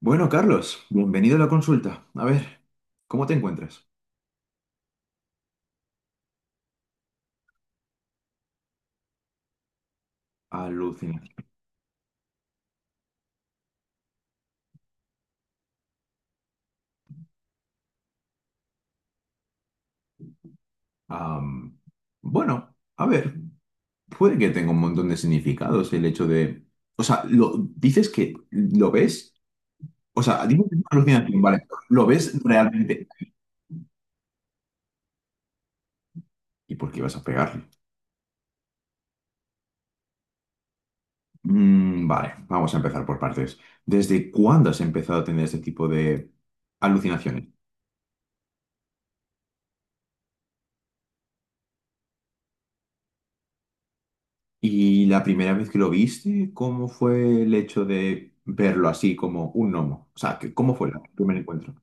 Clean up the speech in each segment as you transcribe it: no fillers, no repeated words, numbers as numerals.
Bueno, Carlos, bienvenido a la consulta. A ver, ¿cómo te encuentras? Alucinante. Am, bueno, a ver, puede que tenga un montón de significados el hecho de... O sea, dices que lo ves, o sea, dices que es una alucinación, vale, lo ves realmente. ¿Y por qué vas a pegarle? Vale, vamos a empezar por partes. ¿Desde cuándo has empezado a tener este tipo de alucinaciones? ¿Y la primera vez que lo viste, cómo fue el hecho de verlo así como un gnomo? O sea, ¿cómo fue el primer encuentro?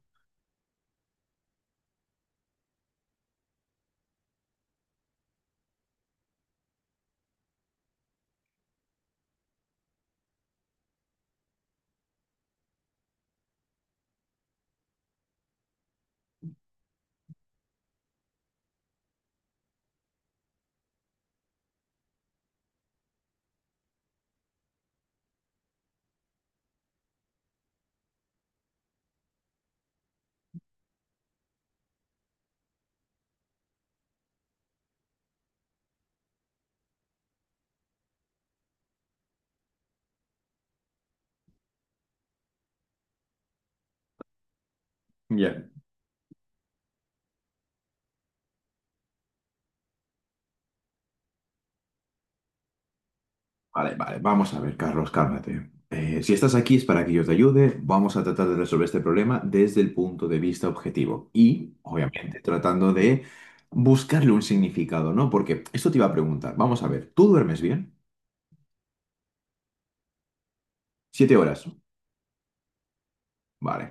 Ya. Vale, vale, vamos a ver, Carlos, cálmate. Si estás aquí es para que yo te ayude. Vamos a tratar de resolver este problema desde el punto de vista objetivo y, obviamente, tratando de buscarle un significado, ¿no? Porque esto te iba a preguntar. Vamos a ver, ¿tú duermes bien? 7 horas. Vale.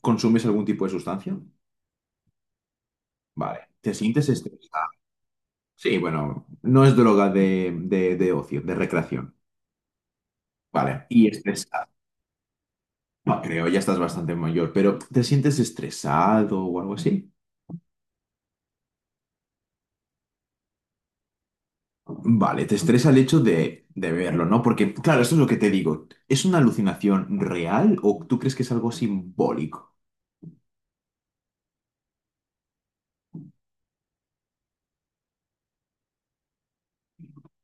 ¿Consumes algún tipo de sustancia? Vale. ¿Te sientes estresado? Sí, bueno, no es droga de ocio, de recreación. Vale. Y estresado. No creo, ya estás bastante mayor, pero ¿te sientes estresado o algo así? Vale, te estresa el hecho de verlo, ¿no? Porque, claro, eso es lo que te digo. ¿Es una alucinación real o tú crees que es algo simbólico?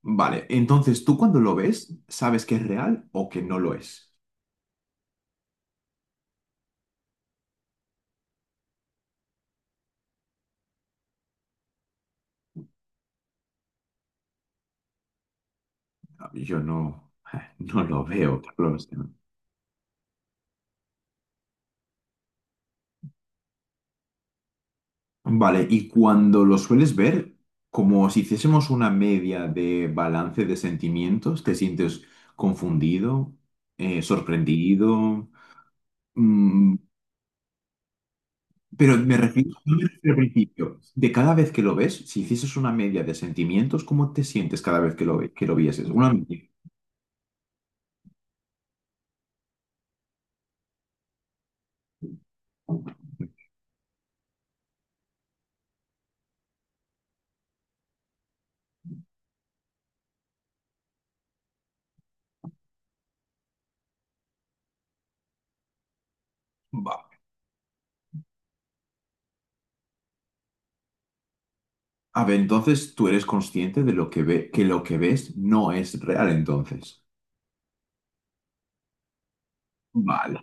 Vale, entonces tú cuando lo ves, ¿sabes que es real o que no lo es? No, yo no, no lo veo, Carlos. Vale, y cuando lo sueles ver, como si hiciésemos una media de balance de sentimientos, te sientes confundido, sorprendido, mm, pero me refiero, no me refiero al principio, de cada vez que lo ves, si hicieses una media de sentimientos, ¿cómo te sientes cada vez que que lo vieses? Una media. Va. A ver, entonces tú eres consciente de lo que ve, que lo que ves no es real, entonces. Vale.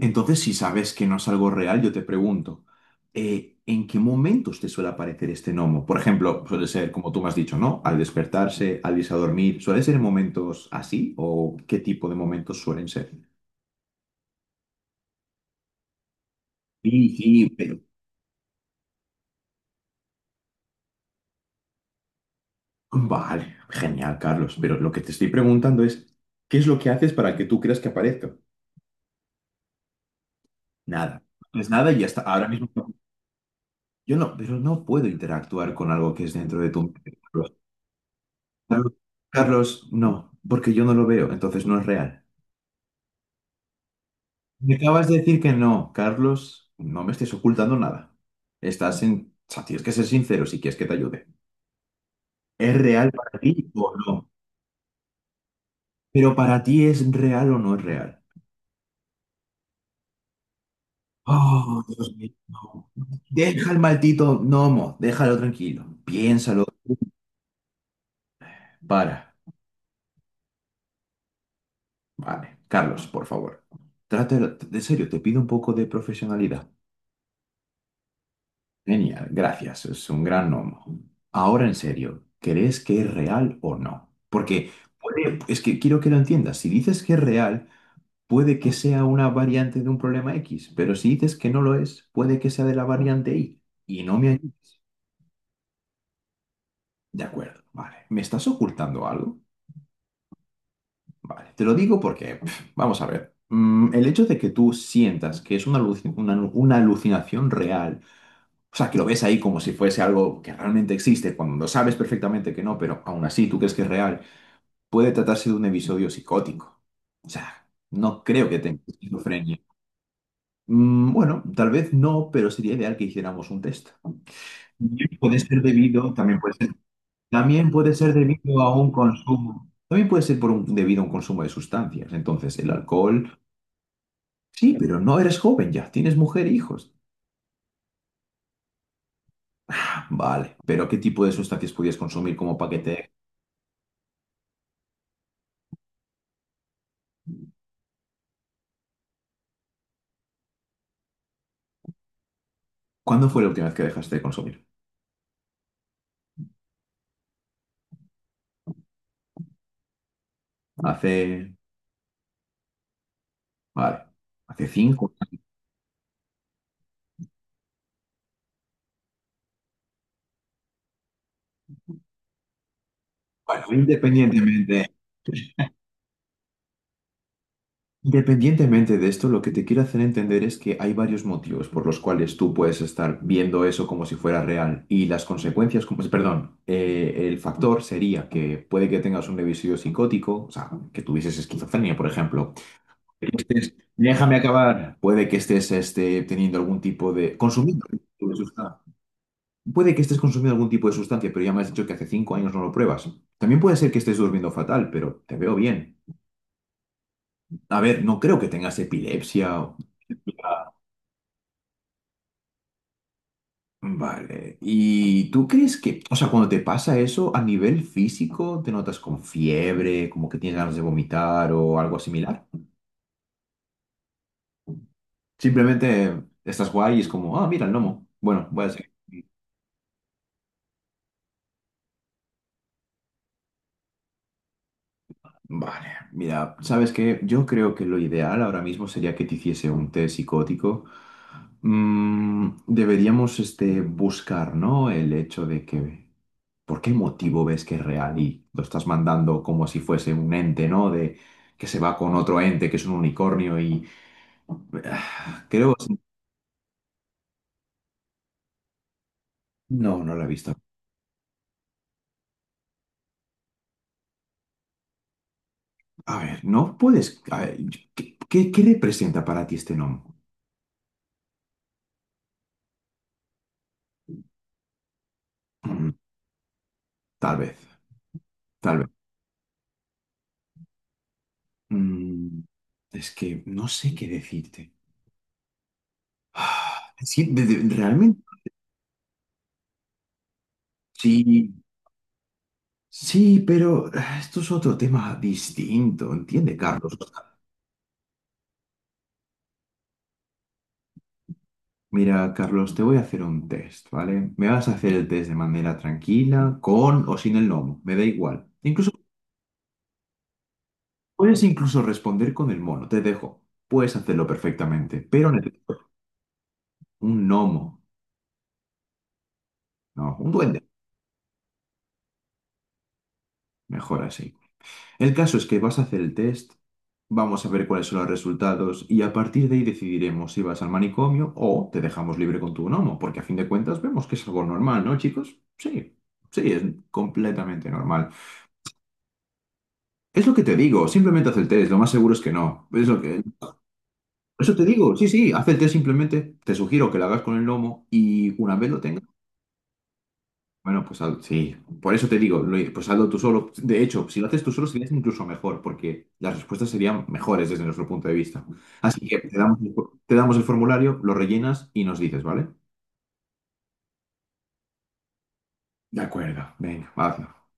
Entonces, si sabes que no es algo real, yo te pregunto, ¿en qué momentos te suele aparecer este gnomo? Por ejemplo, suele ser, como tú me has dicho, ¿no? Al despertarse, al irse a dormir, ¿suele ser en momentos así? ¿O qué tipo de momentos suelen ser? Sí, sí, pero... Vale, genial, Carlos, pero lo que te estoy preguntando es, ¿qué es lo que haces para que tú creas que aparezca? Nada. Es nada y hasta ahora mismo. No. Yo no, pero no puedo interactuar con algo que es dentro de tu mente. Carlos, Carlos, no, porque yo no lo veo, entonces no es real. Me acabas de decir que no, Carlos, no me estés ocultando nada. Estás en... o sea, tienes que ser sincero si quieres que te ayude. ¿Es real para ti o no? Pero para ti, ¿es real o no es real? Oh, Dios mío. No. Deja el maldito gnomo, déjalo tranquilo. Piénsalo. Para. Vale. Carlos, por favor. Trátalo de serio, te pido un poco de profesionalidad. Genial, gracias, es un gran nombre. Ahora en serio, ¿crees que es real o no? Porque es que quiero que lo entiendas, si dices que es real, puede que sea una variante de un problema X, pero si dices que no lo es, puede que sea de la variante Y. Y no me ayudes. De acuerdo, vale. ¿Me estás ocultando algo? Vale, te lo digo porque, pf, vamos a ver, el hecho de que tú sientas que es una, una alucinación real, o sea, que lo ves ahí como si fuese algo que realmente existe, cuando lo sabes perfectamente que no, pero aún así tú crees que es real, puede tratarse de un episodio psicótico. O sea, no creo que tenga esquizofrenia. Bueno, tal vez no, pero sería ideal que hiciéramos un test. Y puede ser debido, también puede ser debido a un consumo. También puede ser por un, debido a un consumo de sustancias. Entonces, el alcohol, sí, pero no eres joven ya, tienes mujer e hijos. Vale, pero ¿qué tipo de sustancias podías consumir como paquete? ¿Cuándo fue la última vez que dejaste de consumir? Hace, vale, hace 5. Bueno, independientemente, independientemente de esto, lo que te quiero hacer entender es que hay varios motivos por los cuales tú puedes estar viendo eso como si fuera real y las consecuencias, como, si, perdón, el factor sería que puede que tengas un episodio psicótico, o sea, que tuvieses esquizofrenia, por ejemplo. Déjame acabar. Puede que estés este, teniendo algún tipo de... consumiendo. Puede que estés consumiendo algún tipo de sustancia, pero ya me has dicho que hace cinco años no lo pruebas. También puede ser que estés durmiendo fatal, pero te veo bien. A ver, no creo que tengas epilepsia. Vale. ¿Y tú crees que, o sea, cuando te pasa eso, a nivel físico, te notas con fiebre, como que tienes ganas de vomitar o algo similar? Simplemente estás guay y es como, ah, mira el gnomo. Bueno, voy a... Vale, mira, ¿sabes qué? Yo creo que lo ideal ahora mismo sería que te hiciese un test psicótico. Deberíamos este, buscar, ¿no? El hecho de que, ¿por qué motivo ves que es real y lo estás mandando como si fuese un ente, ¿no? De que se va con otro ente, que es un unicornio y... creo... No, no lo he visto. A ver, no puedes... a ver, ¿qué representa para ti este nombre? Mm, tal vez, tal vez. Mm, es que no sé qué decirte. Ah, Sí, realmente sí, sí, pero esto es otro tema distinto, ¿entiende, Carlos? Mira, Carlos, te voy a hacer un test, ¿vale? Me vas a hacer el test de manera tranquila, con o sin el gnomo, me da igual. Incluso puedes incluso responder con el mono, te dejo. Puedes hacerlo perfectamente, pero necesito un gnomo, no, un duende, mejor así. El caso es que vas a hacer el test, vamos a ver cuáles son los resultados y a partir de ahí decidiremos si vas al manicomio o te dejamos libre con tu gnomo, porque a fin de cuentas vemos que es algo normal, ¿no, chicos? Sí, sí, es completamente normal. Es lo que te digo, simplemente haz el test, lo más seguro es que no. Es lo que... Eso te digo, sí, sí, haz el test simplemente, te sugiero que lo hagas con el gnomo y una vez lo tengas... Bueno, sí, por eso te digo, pues hazlo tú solo. De hecho, si lo haces tú solo sería incluso mejor, porque las respuestas serían mejores desde nuestro punto de vista. Así que te damos, te damos el formulario, lo rellenas y nos dices, ¿vale? De acuerdo. Venga, va.